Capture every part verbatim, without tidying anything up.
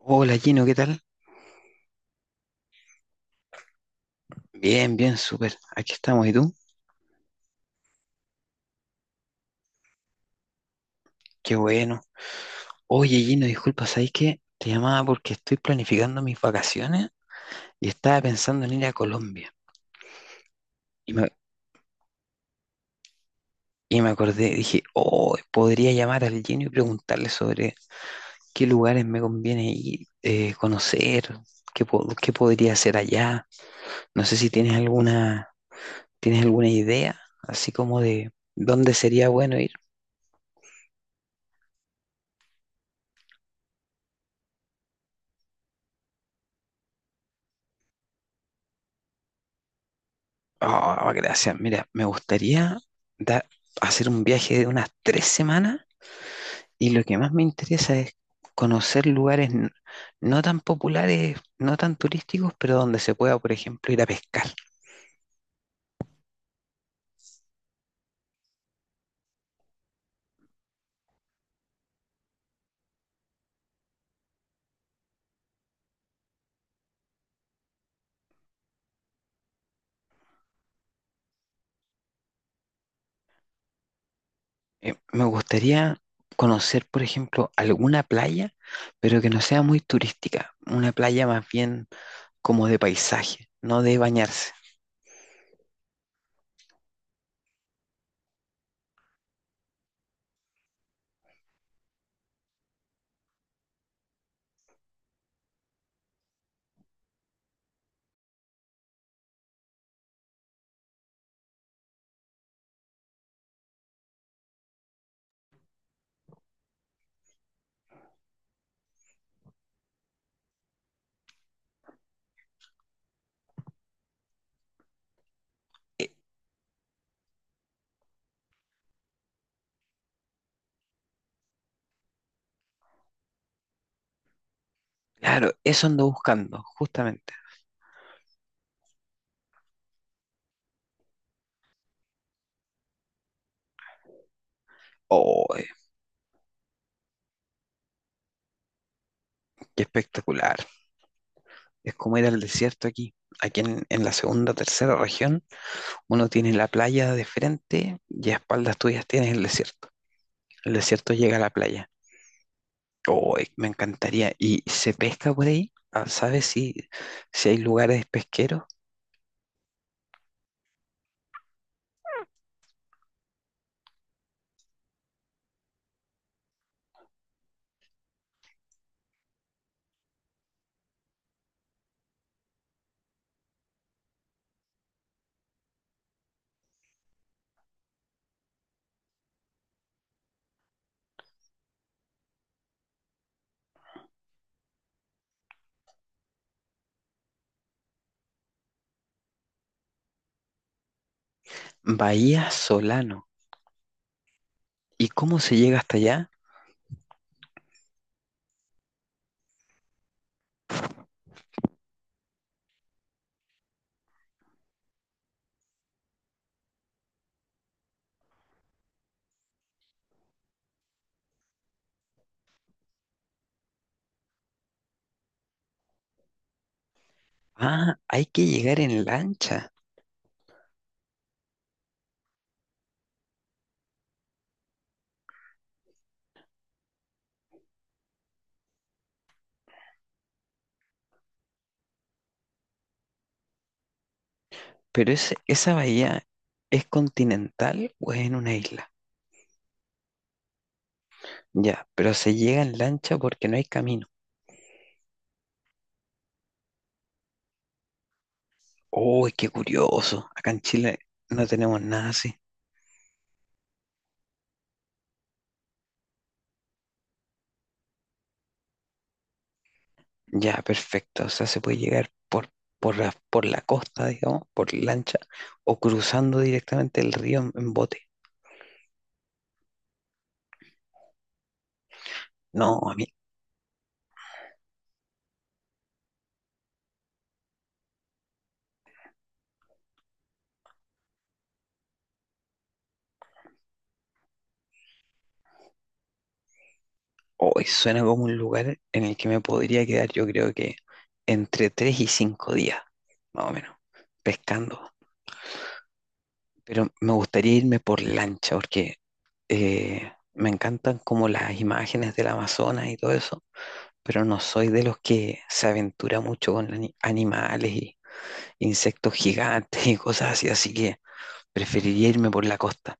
Hola Gino, ¿qué tal? Bien, bien, súper. Aquí estamos, ¿y tú? Qué bueno. Oye Gino, disculpa, ¿sabes qué? Te llamaba porque estoy planificando mis vacaciones y estaba pensando en ir a Colombia. Y me, y me acordé, dije, oh, podría llamar al Gino y preguntarle sobre qué lugares me conviene ir, eh, conocer, qué, po- qué podría hacer allá. No sé si tienes alguna, tienes alguna idea, así como de dónde sería bueno ir. Oh, gracias. Mira, me gustaría dar- hacer un viaje de unas tres semanas y lo que más me interesa es conocer lugares n- no tan populares, no tan turísticos, pero donde se pueda, por ejemplo, ir a pescar. Eh, me gustaría conocer, por ejemplo, alguna playa, pero que no sea muy turística, una playa más bien como de paisaje, no de bañarse. Eh, claro, eso ando buscando, justamente. Oh, eh, qué espectacular. Es como ir al desierto aquí. Aquí en, en la segunda, tercera región, uno tiene la playa de frente y a espaldas tuyas tienes el desierto. El desierto llega a la playa. Oh, eh, me encantaría. ¿Y se pesca por ahí? Ah, ¿sabes si, si hay lugares pesqueros? Bahía Solano. ¿Y cómo se llega hasta allá? Ah, hay que llegar en lancha. Pero ese- esa bahía, ¿es continental o es en una isla? Ya, pero se llega en lancha porque no hay camino. Uy, qué curioso. Acá en Chile no tenemos nada así. Ya, perfecto. O sea, se puede llegar por, por la, por la costa, digamos, por lancha, o cruzando directamente el río en, en bote. No, a mí, hoy suena como un lugar en el que me podría quedar, yo creo que entre tres y cinco días, más o menos, pescando. Pero me gustaría irme por lancha, porque eh, me encantan como las imágenes del Amazonas y todo eso. Pero no soy de los que se aventura mucho con ani- animales y insectos gigantes y cosas así, así que preferiría irme por la costa.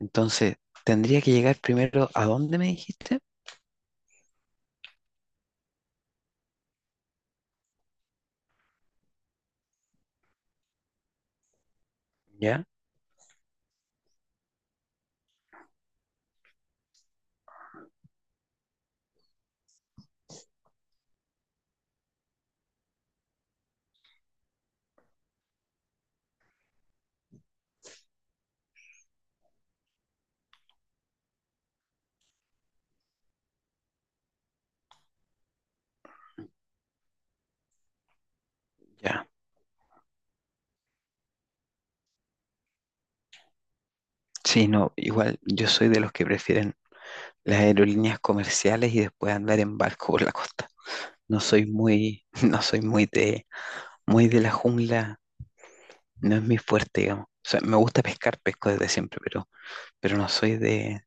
Entonces, tendría que llegar primero a dónde me dijiste. Ya, ya. Sí, no, igual yo soy de los que prefieren las aerolíneas comerciales y después andar en barco por la costa. No soy muy, no soy muy de, muy de la jungla, no es mi fuerte, digamos. O sea, me gusta pescar, pesco desde siempre, pero, pero no soy de,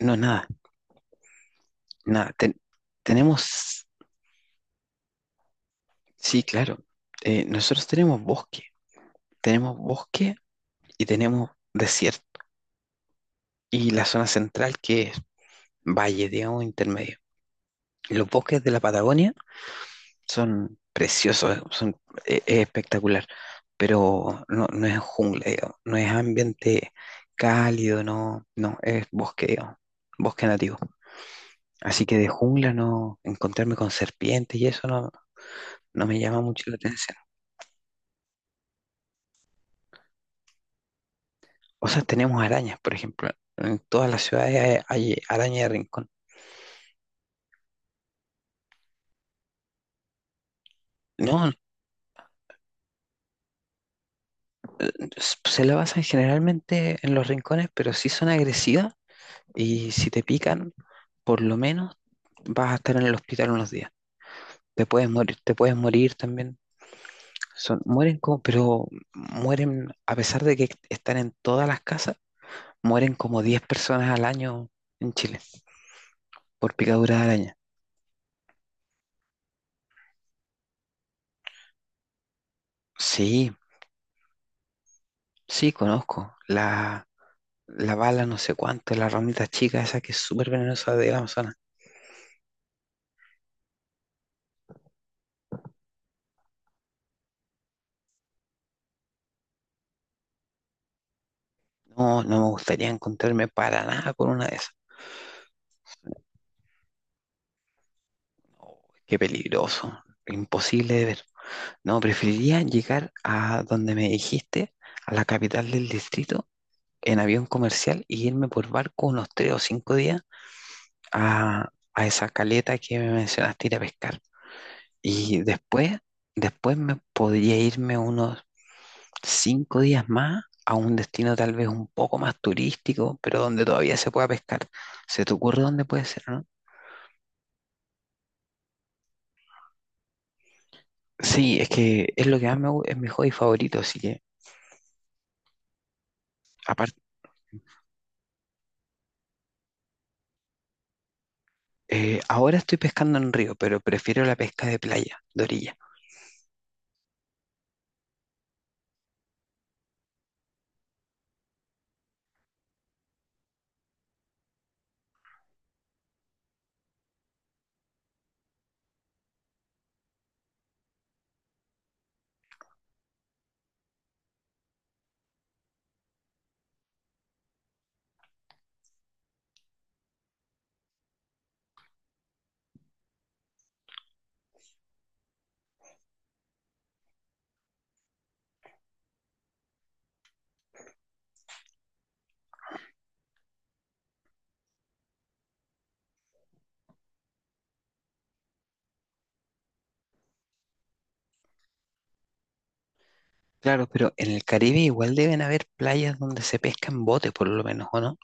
no, nada. Nada, ten- tenemos, sí, claro, eh, nosotros tenemos bosque, tenemos bosque y tenemos desierto y la zona central que es valle, digamos, intermedio. Los bosques de la Patagonia son preciosos, son, e- es espectacular, pero no, no es jungla, digamos, no es ambiente cálido, no, no, es bosque, digamos, bosque nativo. Así que de jungla no, encontrarme con serpientes y eso no, no me llama mucho la atención. O sea, tenemos arañas, por ejemplo. En todas las ciudades hay, hay araña de rincón. No, s- se la basan generalmente en los rincones, pero sí son agresivas y si te pican, por lo menos vas a estar en el hospital unos días. Te puedes morir, te puedes morir también. Son, mueren como, pero mueren, a pesar de que están en todas las casas, mueren como diez personas al año en Chile por picadura de araña. Sí, sí, conozco. La, la bala no sé cuánto, la ramita chica esa que es súper venenosa de la Amazonas. No, no me gustaría encontrarme para nada con una de esas. No, qué peligroso, imposible de ver. No, preferiría llegar a donde me dijiste, a la capital del distrito, en avión comercial y irme por barco unos tres o cinco días a, a esa caleta que me mencionaste ir a pescar. Y después, después me podría irme unos cinco días más a un destino tal vez un poco más turístico, pero donde todavía se pueda pescar. ¿Se te ocurre dónde puede ser, no? Sí, es que es lo que más me gusta, es mi hobby favorito, así que aparte, eh, ahora estoy pescando en río, pero prefiero la pesca de playa, de orilla. Claro, pero en el Caribe igual deben haber playas donde se pesca en bote, por lo menos, ¿o no?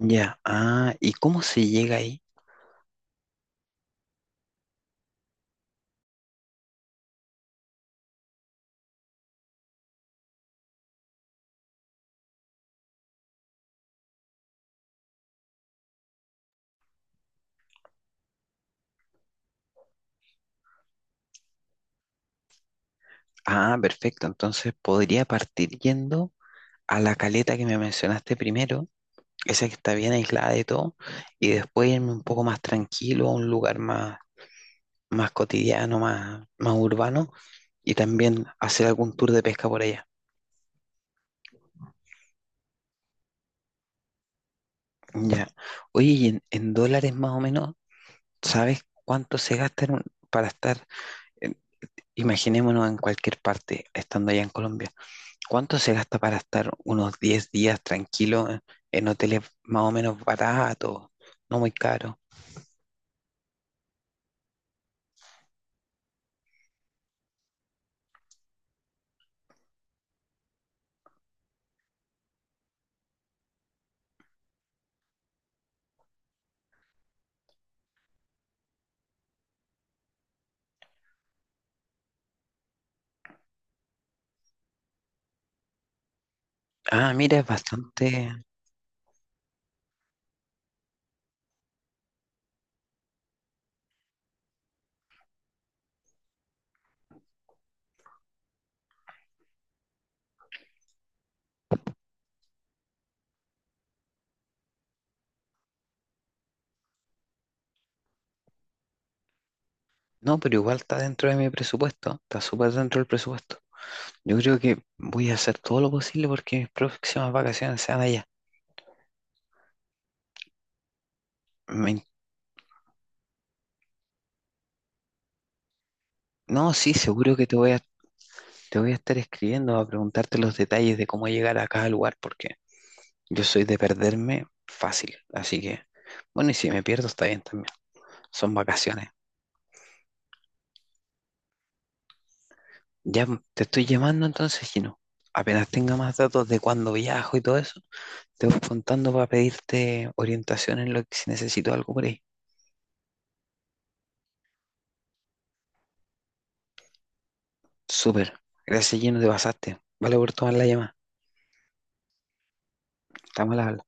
Ya, ah, ¿y cómo se llega ahí? Ah, perfecto, entonces podría partir yendo a la caleta que me mencionaste primero, esa que está bien aislada de todo, y después irme un poco más tranquilo a un lugar más, más cotidiano, más, más urbano, y también hacer algún tour de pesca por allá. Ya. Oye, y en, en dólares más o menos, ¿sabes cuánto se gasta en un- para estar, en- imaginémonos en cualquier parte, estando allá en Colombia, ¿cuánto se gasta para estar unos diez días tranquilo en, en hoteles más o menos baratos, no muy caros? Ah, mira, es bastante. No, pero igual está dentro de mi presupuesto, está súper dentro del presupuesto. Yo creo que voy a hacer todo lo posible porque mis próximas vacaciones sean allá. Me in- no, sí, seguro que te voy a, te voy a, estar escribiendo a preguntarte los detalles de cómo llegar a cada lugar porque yo soy de perderme fácil. Así que, bueno, y si me pierdo está bien también. Son vacaciones. Ya te estoy llamando entonces, Gino. Apenas tenga más datos de cuándo viajo y todo eso, te voy contando para pedirte orientación en lo que si necesito algo por ahí. Súper. Gracias, lleno de pasaste. Vale por tomar la llamada. Estamos a la habla.